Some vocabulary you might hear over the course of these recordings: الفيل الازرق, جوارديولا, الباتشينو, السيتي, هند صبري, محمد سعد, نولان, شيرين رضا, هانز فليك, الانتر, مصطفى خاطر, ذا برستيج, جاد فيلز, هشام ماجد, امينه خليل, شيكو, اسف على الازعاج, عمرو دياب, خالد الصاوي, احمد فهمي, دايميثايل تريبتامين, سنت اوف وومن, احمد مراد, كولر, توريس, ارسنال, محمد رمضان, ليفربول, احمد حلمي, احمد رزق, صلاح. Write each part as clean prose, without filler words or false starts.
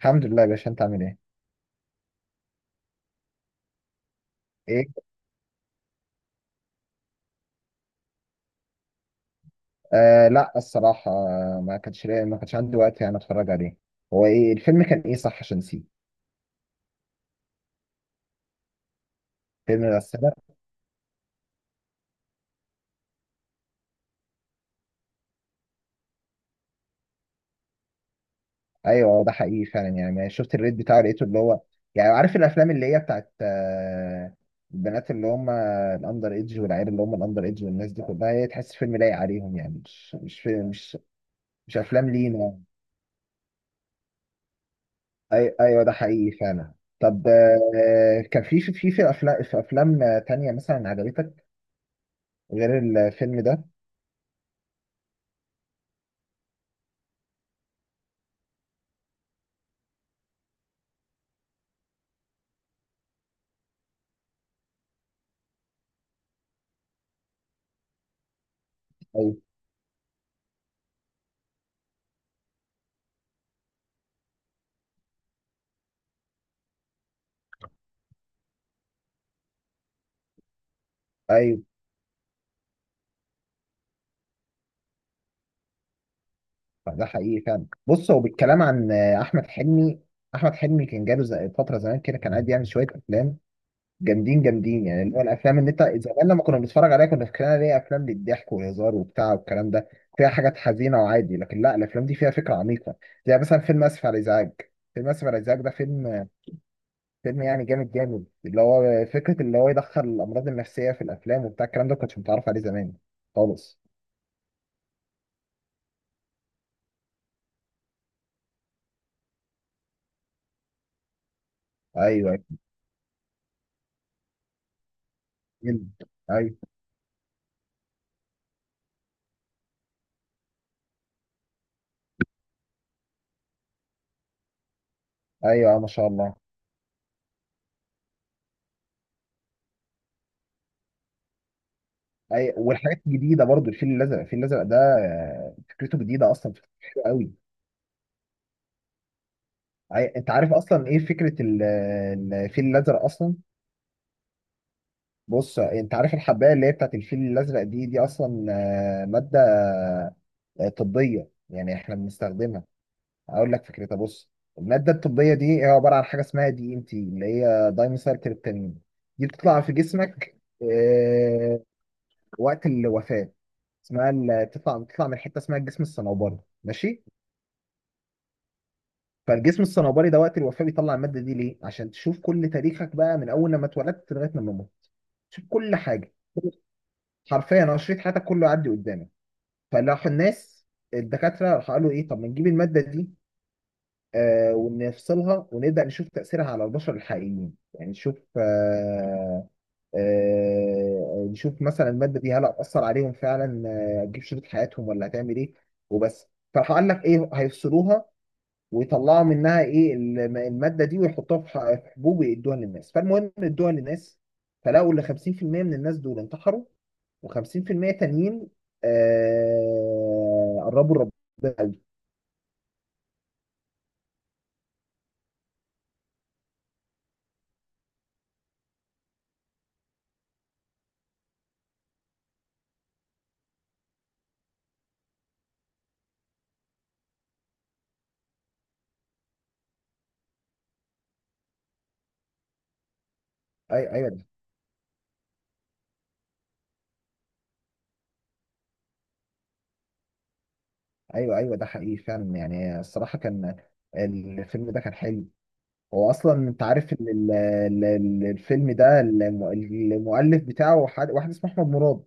الحمد لله يا باشا، انت عامل ايه؟ ايه؟ آه، لا الصراحة، ما كانش عندي وقت يعني اتفرج عليه. هو ايه الفيلم، كان ايه صح عشان نسيه؟ فيلم الغسالة؟ ايوه، ده حقيقي فعلا، يعني ما شفت الريت بتاعه لقيته اللي هو، يعني عارف الافلام اللي هي بتاعت البنات اللي هم الاندر ايدج، والعيال اللي هم الاندر ايدج، والناس دي كلها، هي تحس فيلم لايق عليهم يعني، مش فيلم، مش افلام لينا يعني. أي ايوه، ده حقيقي فعلا. طب، كان في افلام تانية مثلا عجبتك غير الفيلم ده؟ ايوه، ايوه، ده حقيقي فعلا. بص، هو بالكلام عن احمد حلمي، احمد حلمي كان جاله فتره زمان كده كان قاعد يعمل شويه افلام جامدين جامدين، يعني اللي هو الافلام اللي انت زمان لما كنا بنتفرج عليها كنا فاكرينها ليه افلام للضحك والهزار وبتاع والكلام ده، فيها حاجات حزينه وعادي، لكن لا، الافلام دي فيها فكره عميقه. زي مثلا فيلم اسف على الازعاج. فيلم اسف على الازعاج ده فيلم يعني جامد جامد، اللي هو فكره اللي هو يدخل الامراض النفسيه في الافلام وبتاع الكلام ده، ما كنتش متعرف عليه زمان خالص. ايوه، ايوه، ايوه، ايوه، ما شاء الله. أي، والحاجات الجديده برضو الفيل الازرق، الفيل الازرق ده فكرته جديده اصلا، فكرته حلوه قوي. انت عارف اصلا ايه فكره الفيل الازرق اصلا؟ بص، انت عارف الحبايه اللي هي بتاعت الفيل الازرق دي اصلا، ماده طبيه يعني احنا بنستخدمها. اقول لك فكرتها، بص. الماده الطبيه دي هي عباره عن حاجه اسمها DNT، اللي هي دايميثايل تريبتامين. دي بتطلع في جسمك وقت الوفاه. اسمها، بتطلع من حته اسمها الجسم الصنوبري، ماشي. فالجسم الصنوبري ده وقت الوفاة بيطلع المادة دي ليه؟ عشان تشوف كل تاريخك بقى من أول لما اتولدت لغاية لما موت، تشوف كل حاجة. حرفيا، أنا شريط حياتك كله يعدي قدامك. فراح الناس، الدكاترة، راح قالوا إيه، طب ما نجيب المادة دي ونفصلها، ونبدأ نشوف تأثيرها على البشر الحقيقيين، يعني نشوف، نشوف مثلا المادة دي هل هتأثر عليهم فعلا، هتجيب شريط حياتهم ولا هتعمل إيه، وبس. فراح قال لك إيه، هيفصلوها ويطلعوا منها ايه الماده دي، ويحطوها في حبوب ويدوها للناس. فالمهم، ادوها للناس، فلقوا ان 50% من الناس دول انتحروا، و50% تانيين قربوا ربنا قوي. ايوه، ايوه، ايوه، ايوه، ده حقيقي فعلا يعني. الصراحه، الفيلم ده كان حلو. هو اصلا، انت عارف ان الفيلم ده المؤلف بتاعه واحد اسمه احمد مراد.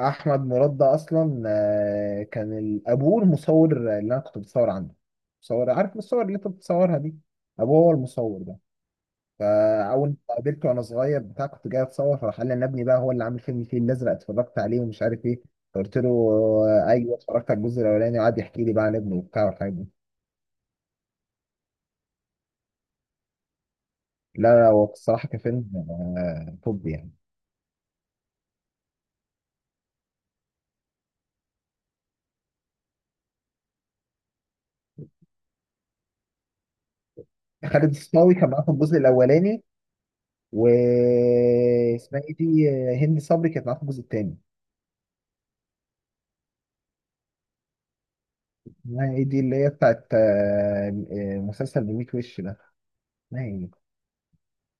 احمد مراد ده اصلا كان ابوه المصور اللي انا كنت بتصور عنده. مصور، عارف الصور اللي انت بتصورها دي، ابوه هو المصور ده. فاول ما قابلته وانا صغير بتاع، كنت جاي اتصور، فراح قال لي انا ابني بقى هو اللي عامل فيلم الفيل الازرق، اتفرجت عليه ومش عارف ايه. فقلت له، ايوه اتفرجت على الجزء الاولاني، وقعد يحكي لي بقى عن ابنه وبتاع والحاجات دي. لا، لا، هو الصراحه كفيلم توب يعني. خالد الصاوي كان معاه في الجزء الاولاني، واسمها ايه دي، هند صبري كانت معاه في الجزء الثاني. اسمها ايه دي، اللي هي بتاعت مسلسل بميت وش ده، اسمها ايه؟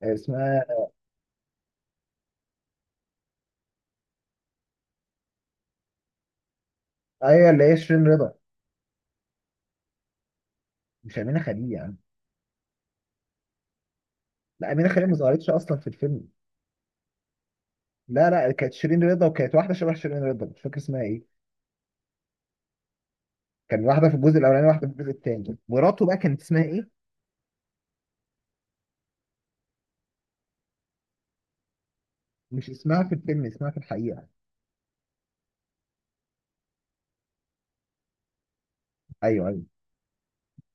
اسمها، ايوه، اللي هي شيرين رضا، مش امينه خليل يعني. لا، امينه خليل ما ظهرتش اصلا في الفيلم. لا، لا، كانت شيرين رضا، وكانت واحده شبه شيرين رضا مش فاكر اسمها ايه. كان واحده في الجزء الاولاني، واحده في الجزء الثاني، مراته بقى كانت اسمها ايه، مش اسمها في الفيلم، اسمها في الحقيقه. ايوه، ايوه.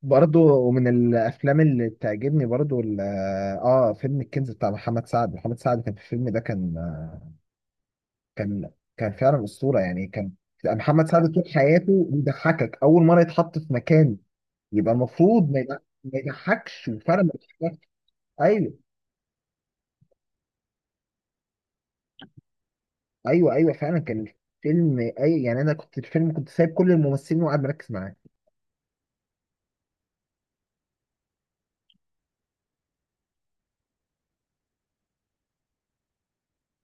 برضه من الافلام اللي بتعجبني برضه، فيلم الكنز بتاع محمد سعد. محمد سعد كان في الفيلم ده، كان كان فعلا اسطوره يعني، كان لأن محمد سعد طول حياته بيضحكك، اول مره يتحط في مكان يبقى المفروض ما يضحكش، وفعلا ما يضحكش. ايوه، ايوه، ايوه، فعلا كان الفيلم يعني، انا كنت الفيلم، كنت سايب كل الممثلين وقاعد مركز معاه.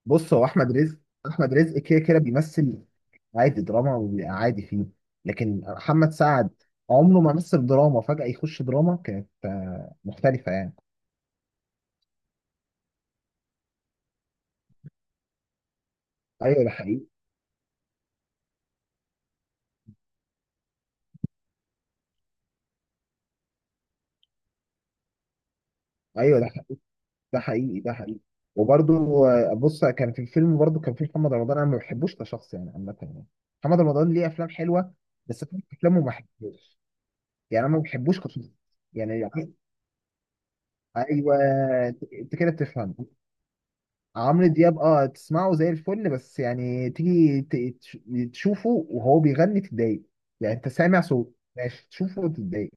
بص، هو احمد رزق، احمد رزق كده كده بيمثل عادي دراما وبيبقى عادي فيه. لكن محمد سعد عمره ما مثل دراما، فجأة يخش دراما كانت مختلفة يعني. ايوه، ده حقيقي، ايوه، ده حقيقي، ده حقيقي. وبرضو بص، كان في الفيلم برضو كان في محمد رمضان، انا ما بحبوش كشخص يعني، عامه يعني. محمد رمضان ليه افلام حلوه، بس في افلامه ما بحبوش، يعني انا ما بحبوش كشخص يعني، ايوه، انت كده بتفهم. عمرو دياب، تسمعه زي الفل، بس يعني تيجي تشوفه وهو بيغني تتضايق. يعني انت سامع صوت ماشي، تشوفه وتتضايق.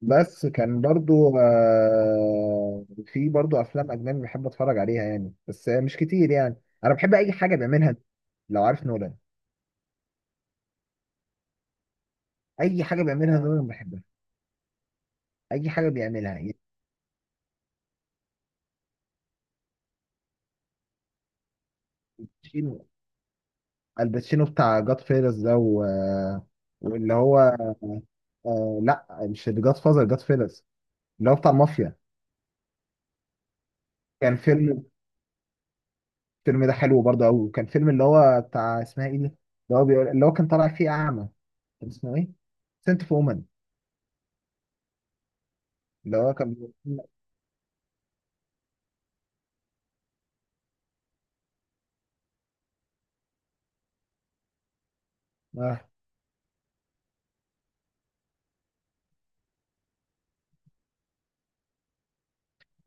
بس كان برضو في برضو افلام اجنبي بحب اتفرج عليها يعني، بس مش كتير يعني. انا بحب اي حاجه بيعملها لو عارف نولان، اي حاجه بيعملها، نولان بحبها، اي حاجه بيعملها يعني. الباتشينو، الباتشينو بتاع جاد فيلز ده و... آه، واللي هو، لا مش جاد فازر، جاد فيلز، اللي هو بتاع المافيا. كان فيلم، الفيلم ده حلو برضو قوي. وكان فيلم اللي هو بتاع اسمها ايه دي، اللي هو بيقول، اللي هو كان طالع فيه اعمى، كان اسمه ايه، سنت اوف وومن. اللي هو آه.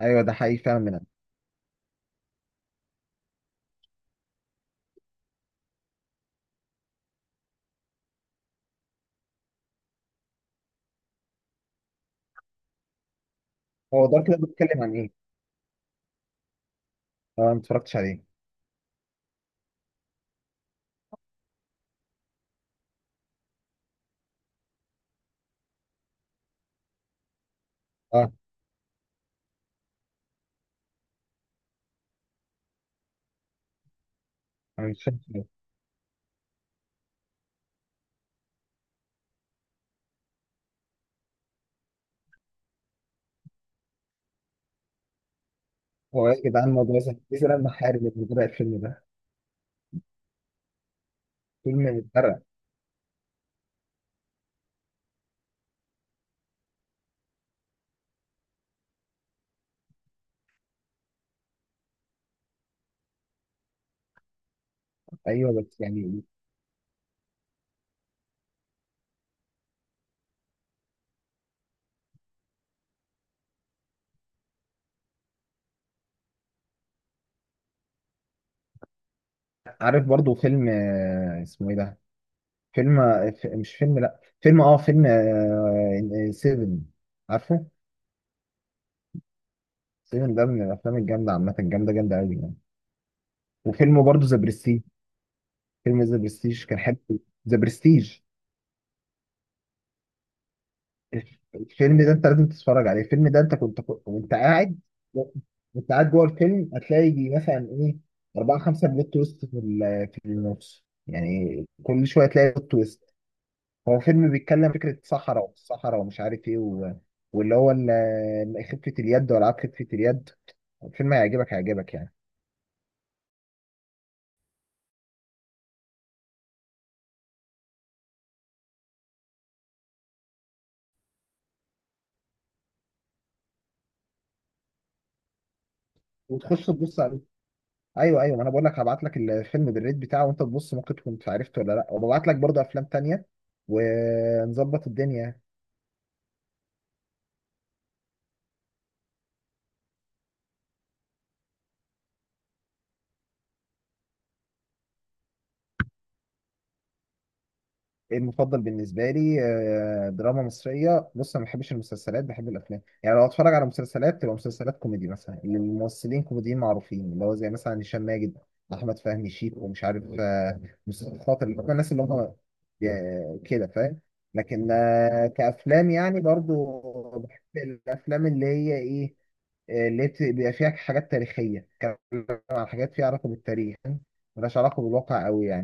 ايوه، ده حقيقي فعلا. من هو دارك ده، بيتكلم عن ايه؟ اه، انا ما اتفرجتش عليه. اه، انا مش فاهم شوية. هو ايه يا جدعان الموضوع، مثلا ايه سبب المحارب اللي بدأ الفيلم ده؟ فيلم متفرق، ايوه بس يعني. عارف برضو فيلم اسمه ايه ده؟ فيلم مش فيلم، لا فيلم، فيلم 7، عارفه؟ 7 ده من الافلام الجامده عامه، جامده جامده قوي يعني. وفيلم برضو ذا برستيج، فيلم ذا برستيج كان حلو. ذا برستيج، الفيلم ده انت لازم تتفرج عليه. الفيلم ده، انت كنت وانت قاعد جوه الفيلم هتلاقي يجي مثلا ايه اربعة خمسة بلوت تويست في النص، يعني كل شوية تلاقي بلوت تويست. هو فيلم بيتكلم فكرة صحراء، والصحراء ومش عارف ايه واللي هو خفة اليد، والعاب خفة اليد. الفيلم هيعجبك، هيعجبك يعني، وتخش تبص عليه. ايوه، ايوه، ما انا بقول لك هبعت لك الفيلم بالريت بتاعه وانت تبص، ممكن تكون عرفته ولا لا، وببعت لك برضه افلام تانية، ونظبط الدنيا. المفضل بالنسبه لي دراما مصريه، بص انا ما بحبش المسلسلات، بحب الافلام. يعني لو اتفرج على مسلسلات تبقى مسلسلات كوميدي، مثلا اللي الممثلين كوميديين معروفين، اللي هو زي مثلا هشام ماجد، احمد فهمي، شيكو، ومش عارف مصطفى خاطر، اللي هم الناس اللي هم كده فاهم. لكن كافلام يعني، برضو بحب الافلام اللي هي ايه، اللي بيبقى فيها حاجات تاريخيه، بتتكلم عن حاجات فيها علاقه بالتاريخ، ملهاش علاقه بالواقع قوي يعني